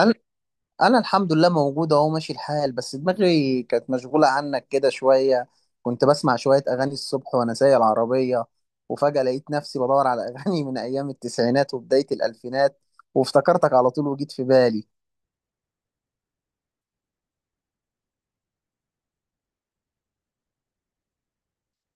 انا انا الحمد لله موجود اهو، ماشي الحال، بس دماغي كانت مشغوله عنك كده شويه. كنت بسمع شويه اغاني الصبح وانا سايق العربيه، وفجاه لقيت نفسي بدور على اغاني من ايام التسعينات وبدايه الالفينات، وافتكرتك على طول وجيت في بالي.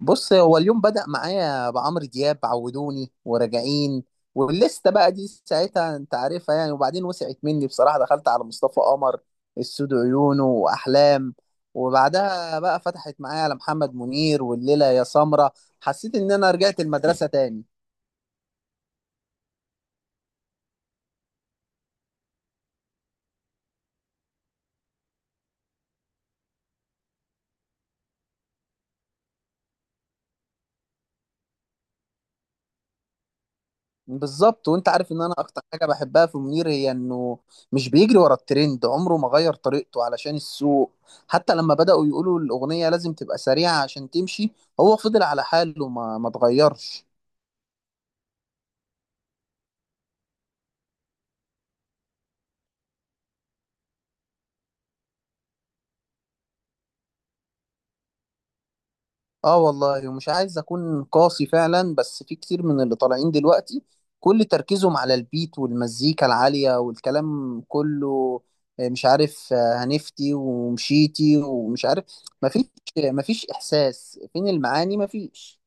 بص، هو اليوم بدأ معايا بعمرو دياب، عودوني وراجعين، واللسته بقى دي ساعتها انت عارفها يعني. وبعدين وسعت مني بصراحة، دخلت على مصطفى قمر، السود عيونه واحلام. وبعدها بقى فتحت معايا على محمد منير والليلة يا سمرة. حسيت ان انا رجعت المدرسة تاني. بالظبط، وانت عارف ان انا اكتر حاجه بحبها في منير هي انه مش بيجري ورا الترند، عمره ما غير طريقته علشان السوق. حتى لما بداوا يقولوا الاغنيه لازم تبقى سريعه عشان تمشي، هو فضل على حاله ما اتغيرش. اه والله، ومش عايز اكون قاسي فعلا، بس في كتير من اللي طالعين دلوقتي كل تركيزهم على البيت والمزيكا العاليه والكلام كله، مش عارف، هنفتي ومشيتي ومش عارف. مفيش مفيش احساس، فين المعاني؟ مفيش.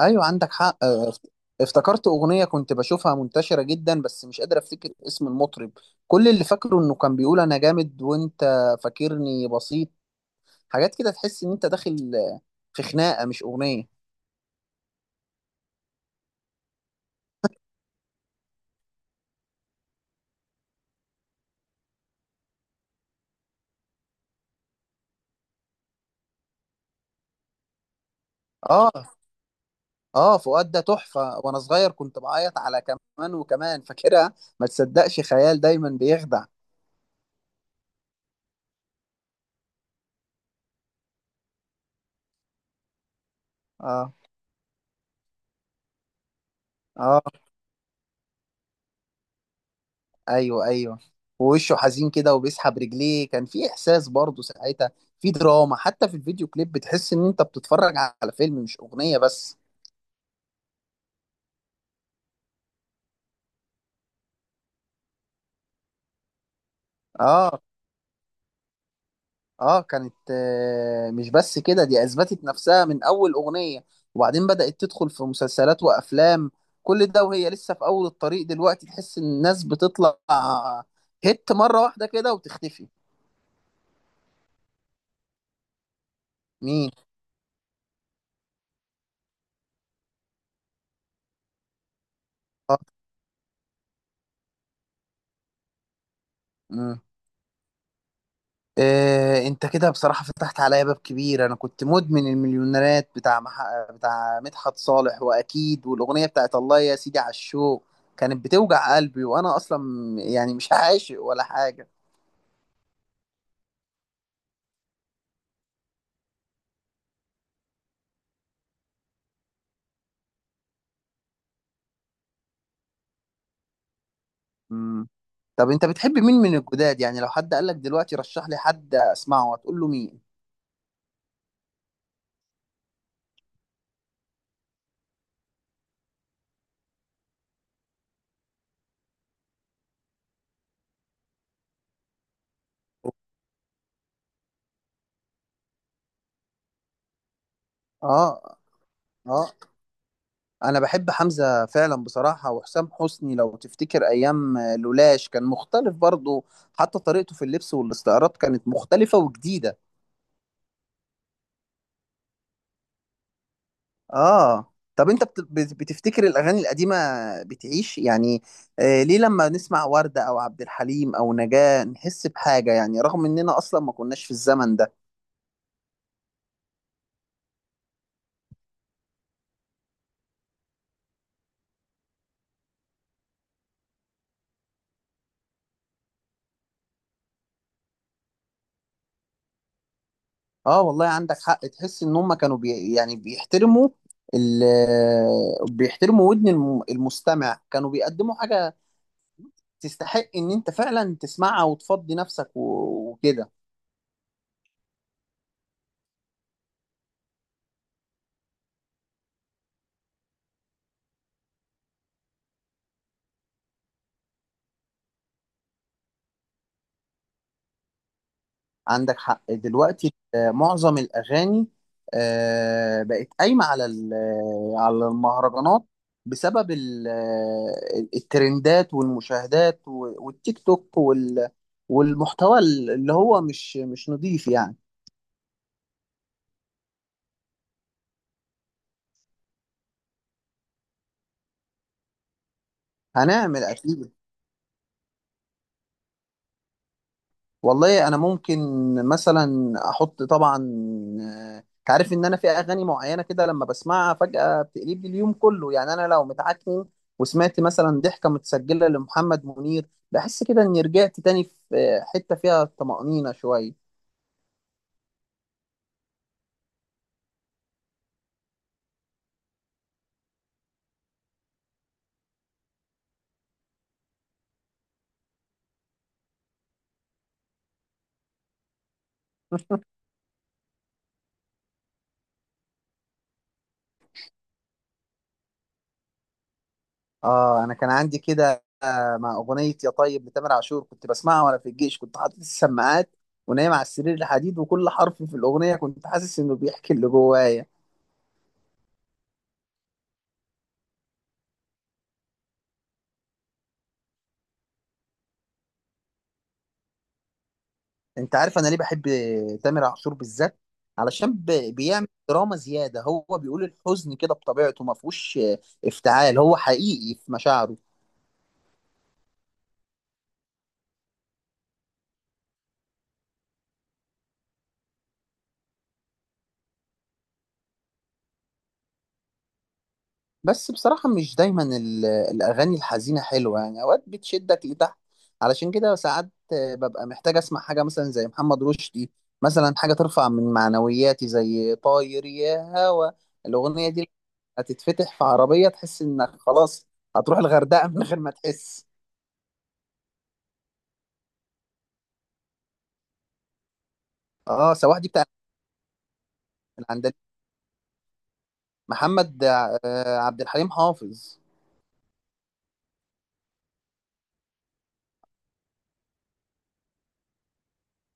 ايوه عندك حق. افتكرت اغنيه كنت بشوفها منتشره جدا، بس مش قادر افتكر اسم المطرب. كل اللي فاكره انه كان بيقول انا جامد وانت فاكرني بسيط. حاجات كده تحس ان انت داخل في خناقه مش اغنيه. اه. اه، فؤاد ده تحفه. وانا صغير كنت بعيط على كمان وكمان، فاكرها؟ ما تصدقش، خيال دايما بيخدع. اه. اه. ايوه، ايوه. ووشه حزين كده وبيسحب رجليه، كان في احساس برضه ساعتها. في دراما حتى في الفيديو كليب، بتحس ان انت بتتفرج على فيلم مش اغنية بس. اه. اه، كانت مش بس كده، دي اثبتت نفسها من اول اغنية. وبعدين بدأت تدخل في مسلسلات وافلام، كل ده وهي لسه في اول الطريق. دلوقتي تحس ان الناس بتطلع هيت مرة واحدة كده وتختفي. مين؟ اه. مم. إيه، انت كده بصراحة فتحت عليا باب كبير. انا كنت مدمن المليونيرات بتاع مدحت صالح، واكيد والاغنية بتاعت الله يا سيدي على الشوق كانت بتوجع قلبي، وانا اصلا يعني مش عاشق ولا حاجة. مم. طب انت بتحب مين من الجداد؟ يعني لو حد قالك دلوقتي رشح لي حد اسمعه، هتقول له مين؟ اه. اه، انا بحب حمزة فعلا بصراحة. وحسام حسني، لو تفتكر ايام لولاش، كان مختلف برضه. حتى طريقته في اللبس والاستعارات كانت مختلفة وجديدة. اه. طب انت بتفتكر الاغاني القديمه بتعيش يعني؟ ليه لما نسمع ورده او عبد الحليم او نجاة نحس بحاجه، يعني رغم اننا اصلا ما كناش في الزمن ده؟ اه والله عندك حق، تحس ان هم كانوا يعني بيحترموا، ال بيحترموا ودن المستمع، كانوا بيقدموا حاجه تستحق ان انت فعلا تسمعها وتفضي نفسك وكده. عندك حق، دلوقتي معظم الأغاني بقت قايمة على على المهرجانات، بسبب الترندات والمشاهدات والتيك توك والمحتوى، اللي هو مش نضيف يعني. هنعمل أكيد. والله انا ممكن مثلا احط، طبعا تعرف ان انا في اغاني معينه كده لما بسمعها فجاه بتقلب لي اليوم كله. يعني انا لو متعكن وسمعت مثلا ضحكه متسجله لمحمد منير، بحس كده اني رجعت تاني في حته فيها طمانينه شويه. اه، انا كان عندي كده مع اغنيه يا طيب لتامر عاشور، كنت بسمعها وانا في الجيش، كنت حاطط السماعات ونايم على السرير الحديد، وكل حرف في الاغنيه كنت حاسس انه بيحكي اللي جوايا. انت عارف انا ليه بحب تامر عاشور بالذات؟ علشان بيعمل دراما زياده، هو بيقول الحزن كده بطبيعته، ما فيهوش افتعال، هو حقيقي في مشاعره. بس بصراحه، مش دايما الاغاني الحزينه حلوه، يعني اوقات بتشدك لتحت. علشان كده ساعات ببقى محتاج اسمع حاجه مثلا زي محمد رشدي، مثلا حاجه ترفع من معنوياتي زي طاير يا هوا. الاغنيه دي هتتفتح في عربيه، تحس انك خلاص هتروح الغردقه من غير ما تحس. اه، سواح دي بتاع العندليب، محمد عبد الحليم حافظ.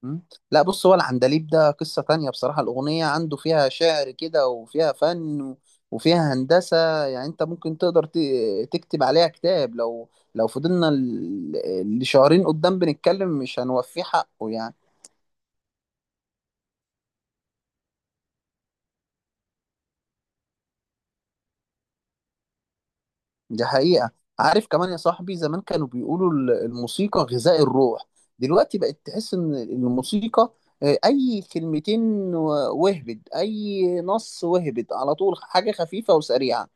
مم. لا بص، هو العندليب ده قصة تانية بصراحة، الأغنية عنده فيها شعر كده وفيها فن وفيها هندسة، يعني أنت ممكن تقدر تكتب عليها كتاب، لو لو فضلنا لشهرين قدام بنتكلم مش هنوفيه حقه يعني. دي حقيقة. عارف كمان يا صاحبي؟ زمان كانوا بيقولوا الموسيقى غذاء الروح، دلوقتي بقت تحس ان الموسيقى اي كلمتين وهبد، اي نص وهبد على طول، حاجة خفيفة وسريعة.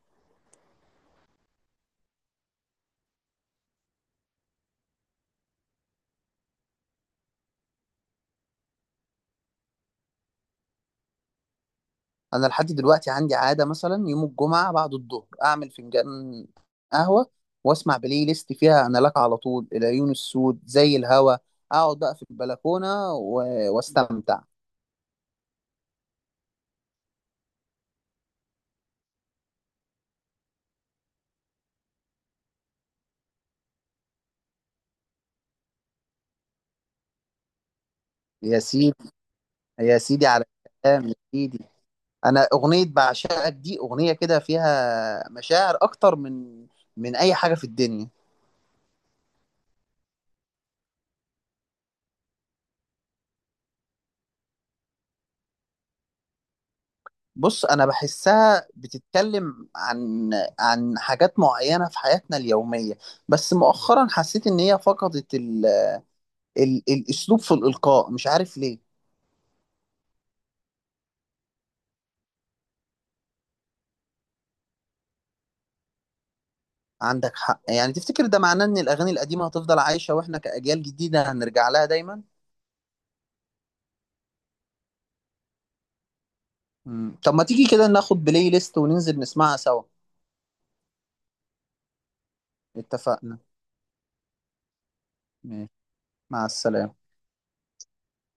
انا لحد دلوقتي عندي عادة، مثلا يوم الجمعة بعد الظهر اعمل فنجان قهوة، واسمع بلاي ليست فيها انا لك على طول، العيون السود، زي الهوا، اقعد بقى في البلكونة واستمتع. يا سيدي، يا سيدي على الكلام، يا سيدي. انا اغنيه بعشقك دي اغنيه كده فيها مشاعر اكتر من اي حاجه في الدنيا. بص، انا بحسها بتتكلم عن حاجات معينه في حياتنا اليوميه، بس مؤخرا حسيت ان هي فقدت الاسلوب في الالقاء، مش عارف ليه. عندك حق، يعني تفتكر ده معناه ان الاغاني القديمه هتفضل عايشه، واحنا كاجيال جديده هنرجع لها دايما؟ مم. طب ما تيجي كده ناخد بلاي ليست وننزل نسمعها سوا؟ اتفقنا. ماشي. مع السلامه.